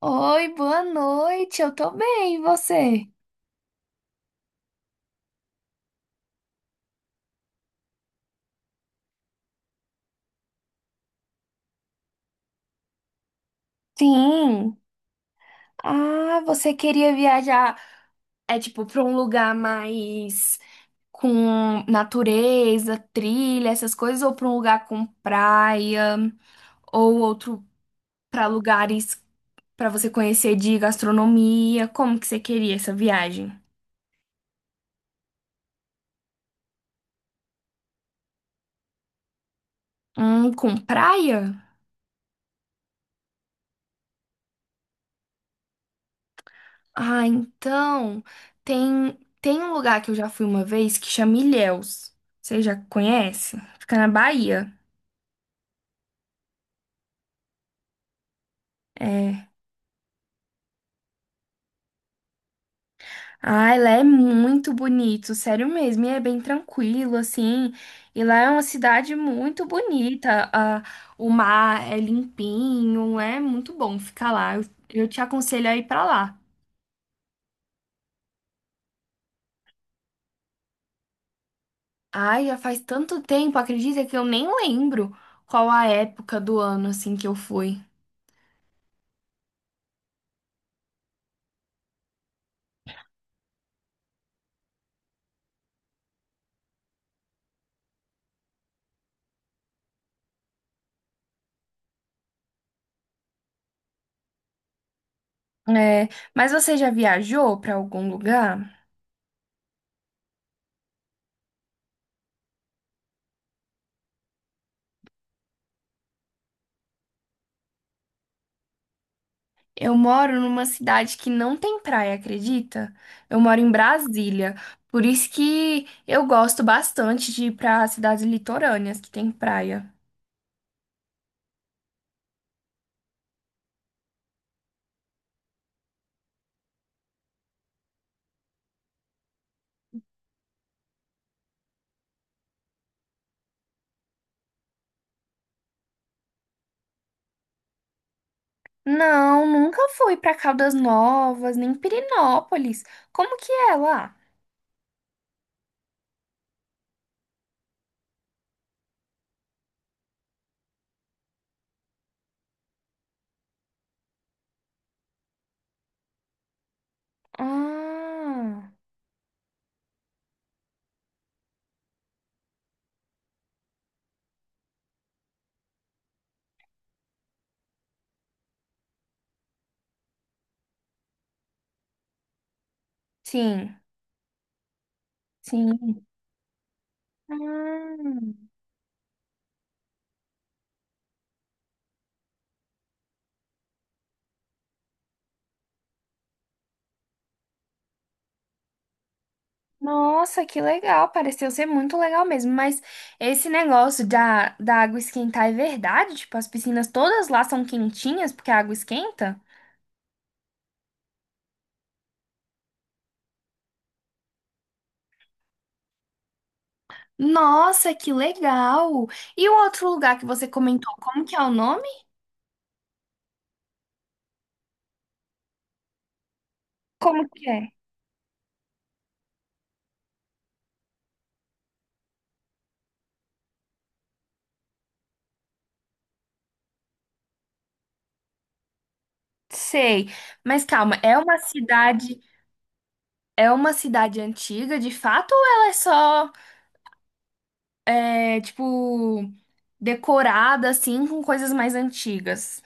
Oi, boa noite. Eu tô bem, e você? Sim. Ah, você queria viajar, é tipo, pra um lugar mais com natureza, trilha, essas coisas, ou pra um lugar com praia, ou outro pra lugares pra você conhecer de gastronomia? Como que você queria essa viagem? Com praia? Ah, então, tem um lugar que eu já fui uma vez que chama Ilhéus. Você já conhece? Fica na Bahia. É. Ai, lá é muito bonito, sério mesmo. E é bem tranquilo, assim. E lá é uma cidade muito bonita. O mar é limpinho, é muito bom ficar lá. Eu te aconselho a ir pra lá. Ai, já faz tanto tempo, acredita que eu nem lembro qual a época do ano, assim, que eu fui. É, mas você já viajou para algum lugar? Eu moro numa cidade que não tem praia, acredita? Eu moro em Brasília, por isso que eu gosto bastante de ir para cidades litorâneas que tem praia. Não, nunca fui para Caldas Novas, nem Pirenópolis. Como que é lá? Ah, sim, sim. Ah. Nossa, que legal, pareceu ser muito legal mesmo, mas esse negócio da água esquentar é verdade? Tipo, as piscinas todas lá são quentinhas porque a água esquenta? Nossa, que legal! E o outro lugar que você comentou, como que é o nome? Como que é? Sei, mas calma, é uma cidade antiga de fato ou ela é só, é, tipo, decorada assim com coisas mais antigas?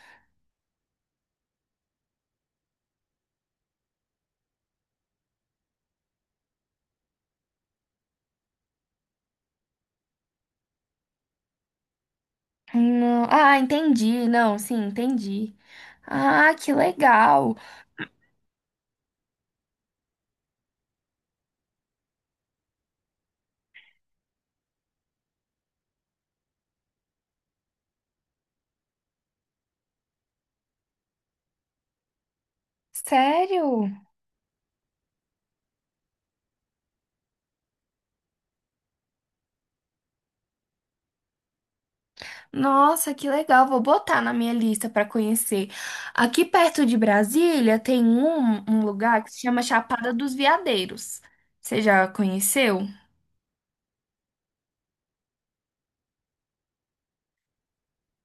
Não. Ah, entendi. Não, sim, entendi. Ah, que legal. Sério? Nossa, que legal. Vou botar na minha lista para conhecer. Aqui perto de Brasília tem um lugar que se chama Chapada dos Veadeiros. Você já conheceu?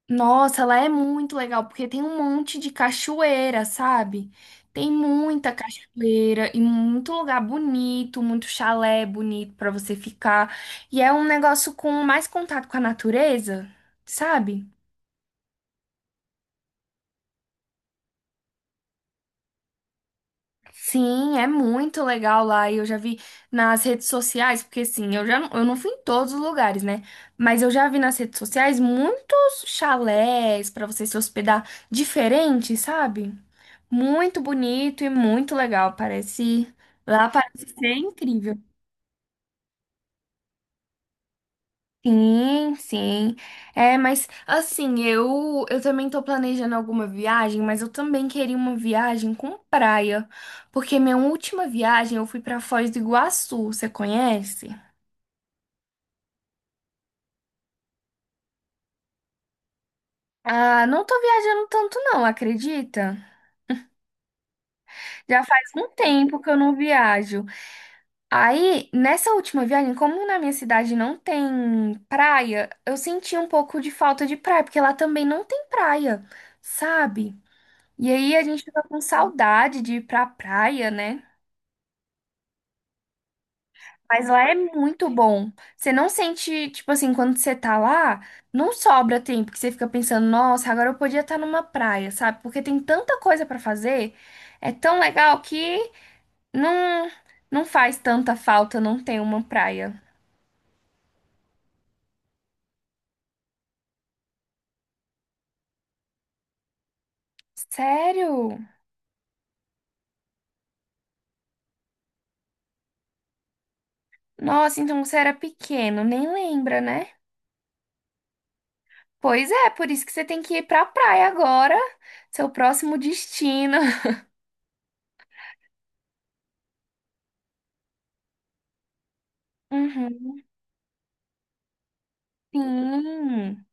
Nossa, lá é muito legal, porque tem um monte de cachoeira, sabe? Tem muita cachoeira e muito lugar bonito, muito chalé bonito pra você ficar. E é um negócio com mais contato com a natureza, sabe? Sim, é muito legal lá. E eu já vi nas redes sociais, porque assim, eu não fui em todos os lugares, né? Mas eu já vi nas redes sociais muitos chalés pra você se hospedar diferente, sabe? Muito bonito e muito legal. Parece. Lá parece ser incrível. Sim, sim. É, mas assim, eu também tô planejando alguma viagem, mas eu também queria uma viagem com praia, porque minha última viagem eu fui pra Foz do Iguaçu, você conhece? Ah, não tô viajando tanto não, acredita? Já faz um tempo que eu não viajo. Aí, nessa última viagem, como na minha cidade não tem praia, eu senti um pouco de falta de praia, porque lá também não tem praia, sabe? E aí a gente fica com saudade de ir pra praia, né? Mas lá é muito bom. Você não sente, tipo assim, quando você tá lá, não sobra tempo que você fica pensando, nossa, agora eu podia estar numa praia, sabe? Porque tem tanta coisa pra fazer, é tão legal que não, não faz tanta falta não ter uma praia. Sério? Nossa, então você era pequeno, nem lembra, né? Pois é, por isso que você tem que ir pra praia agora, seu próximo destino. Uhum. Sim,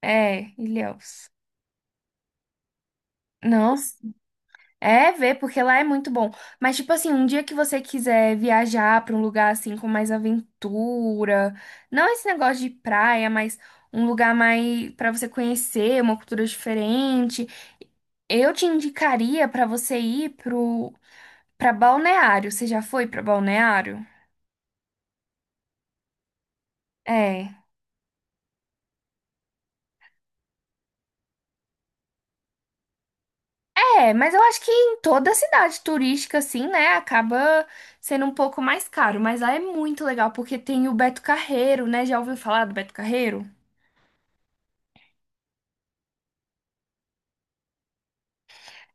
é, Ilhéus. Nossa, é ver, porque lá é muito bom. Mas, tipo assim, um dia que você quiser viajar pra um lugar assim com mais aventura, não esse negócio de praia, mas um lugar mais pra você conhecer, uma cultura diferente. Eu te indicaria para você ir pro Pra Balneário, você já foi pra Balneário? É. É, mas eu acho que em toda cidade turística, assim, né, acaba sendo um pouco mais caro. Mas lá é muito legal, porque tem o Beto Carreiro, né? Já ouviu falar do Beto Carreiro?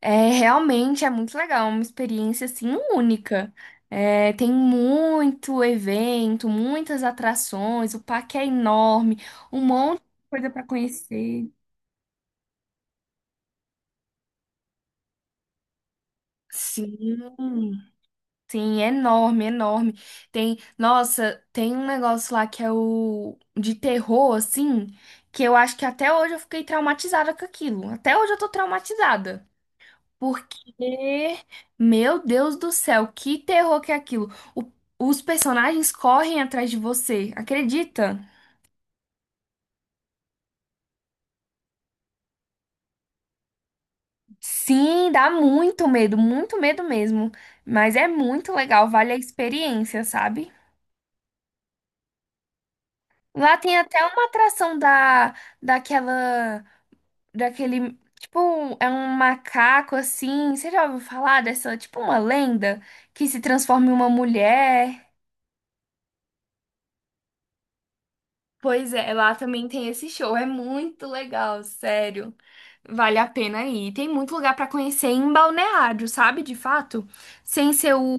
É, realmente é muito legal, é uma experiência, assim, única. É, tem muito evento, muitas atrações, o parque é enorme, um monte de coisa pra conhecer. Sim. Sim, é enorme, enorme. Tem, nossa, tem um negócio lá que é o de terror, assim, que eu acho que até hoje eu fiquei traumatizada com aquilo. Até hoje eu tô traumatizada. Porque, meu Deus do céu, que terror que é aquilo. O- os personagens correm atrás de você, acredita? Sim, dá muito medo mesmo. Mas é muito legal, vale a experiência, sabe? Lá tem até uma atração da, daquela. Daquele, tipo, é um macaco assim. Você já ouviu falar dessa, tipo, uma lenda que se transforma em uma mulher? Pois é, lá também tem esse show. É muito legal, sério. Vale a pena ir. Tem muito lugar pra conhecer em Balneário, sabe? De fato, sem ser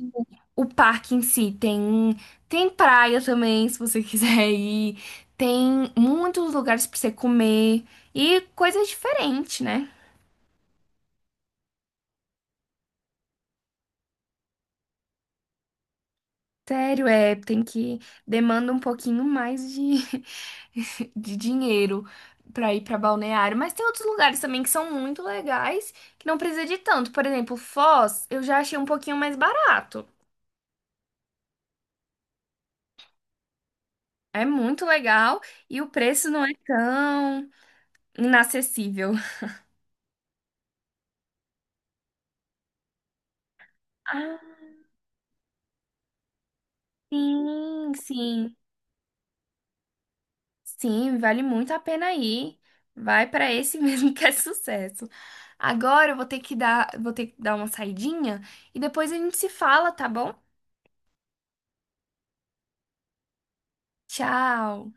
o parque em si. Tem praia também, se você quiser ir. Tem muitos lugares pra você comer e coisas diferentes, né? Sério, é, tem que demanda um pouquinho mais de, de dinheiro pra ir pra balneário, mas tem outros lugares também que são muito legais, que não precisa de tanto. Por exemplo, Foz, eu já achei um pouquinho mais barato. É muito legal e o preço não é tão inacessível. Ah, sim, sim. Sim, vale muito a pena ir. Vai pra esse mesmo que é sucesso. Agora eu vou ter que dar, vou ter que dar uma saidinha e depois a gente se fala, tá bom? Tchau.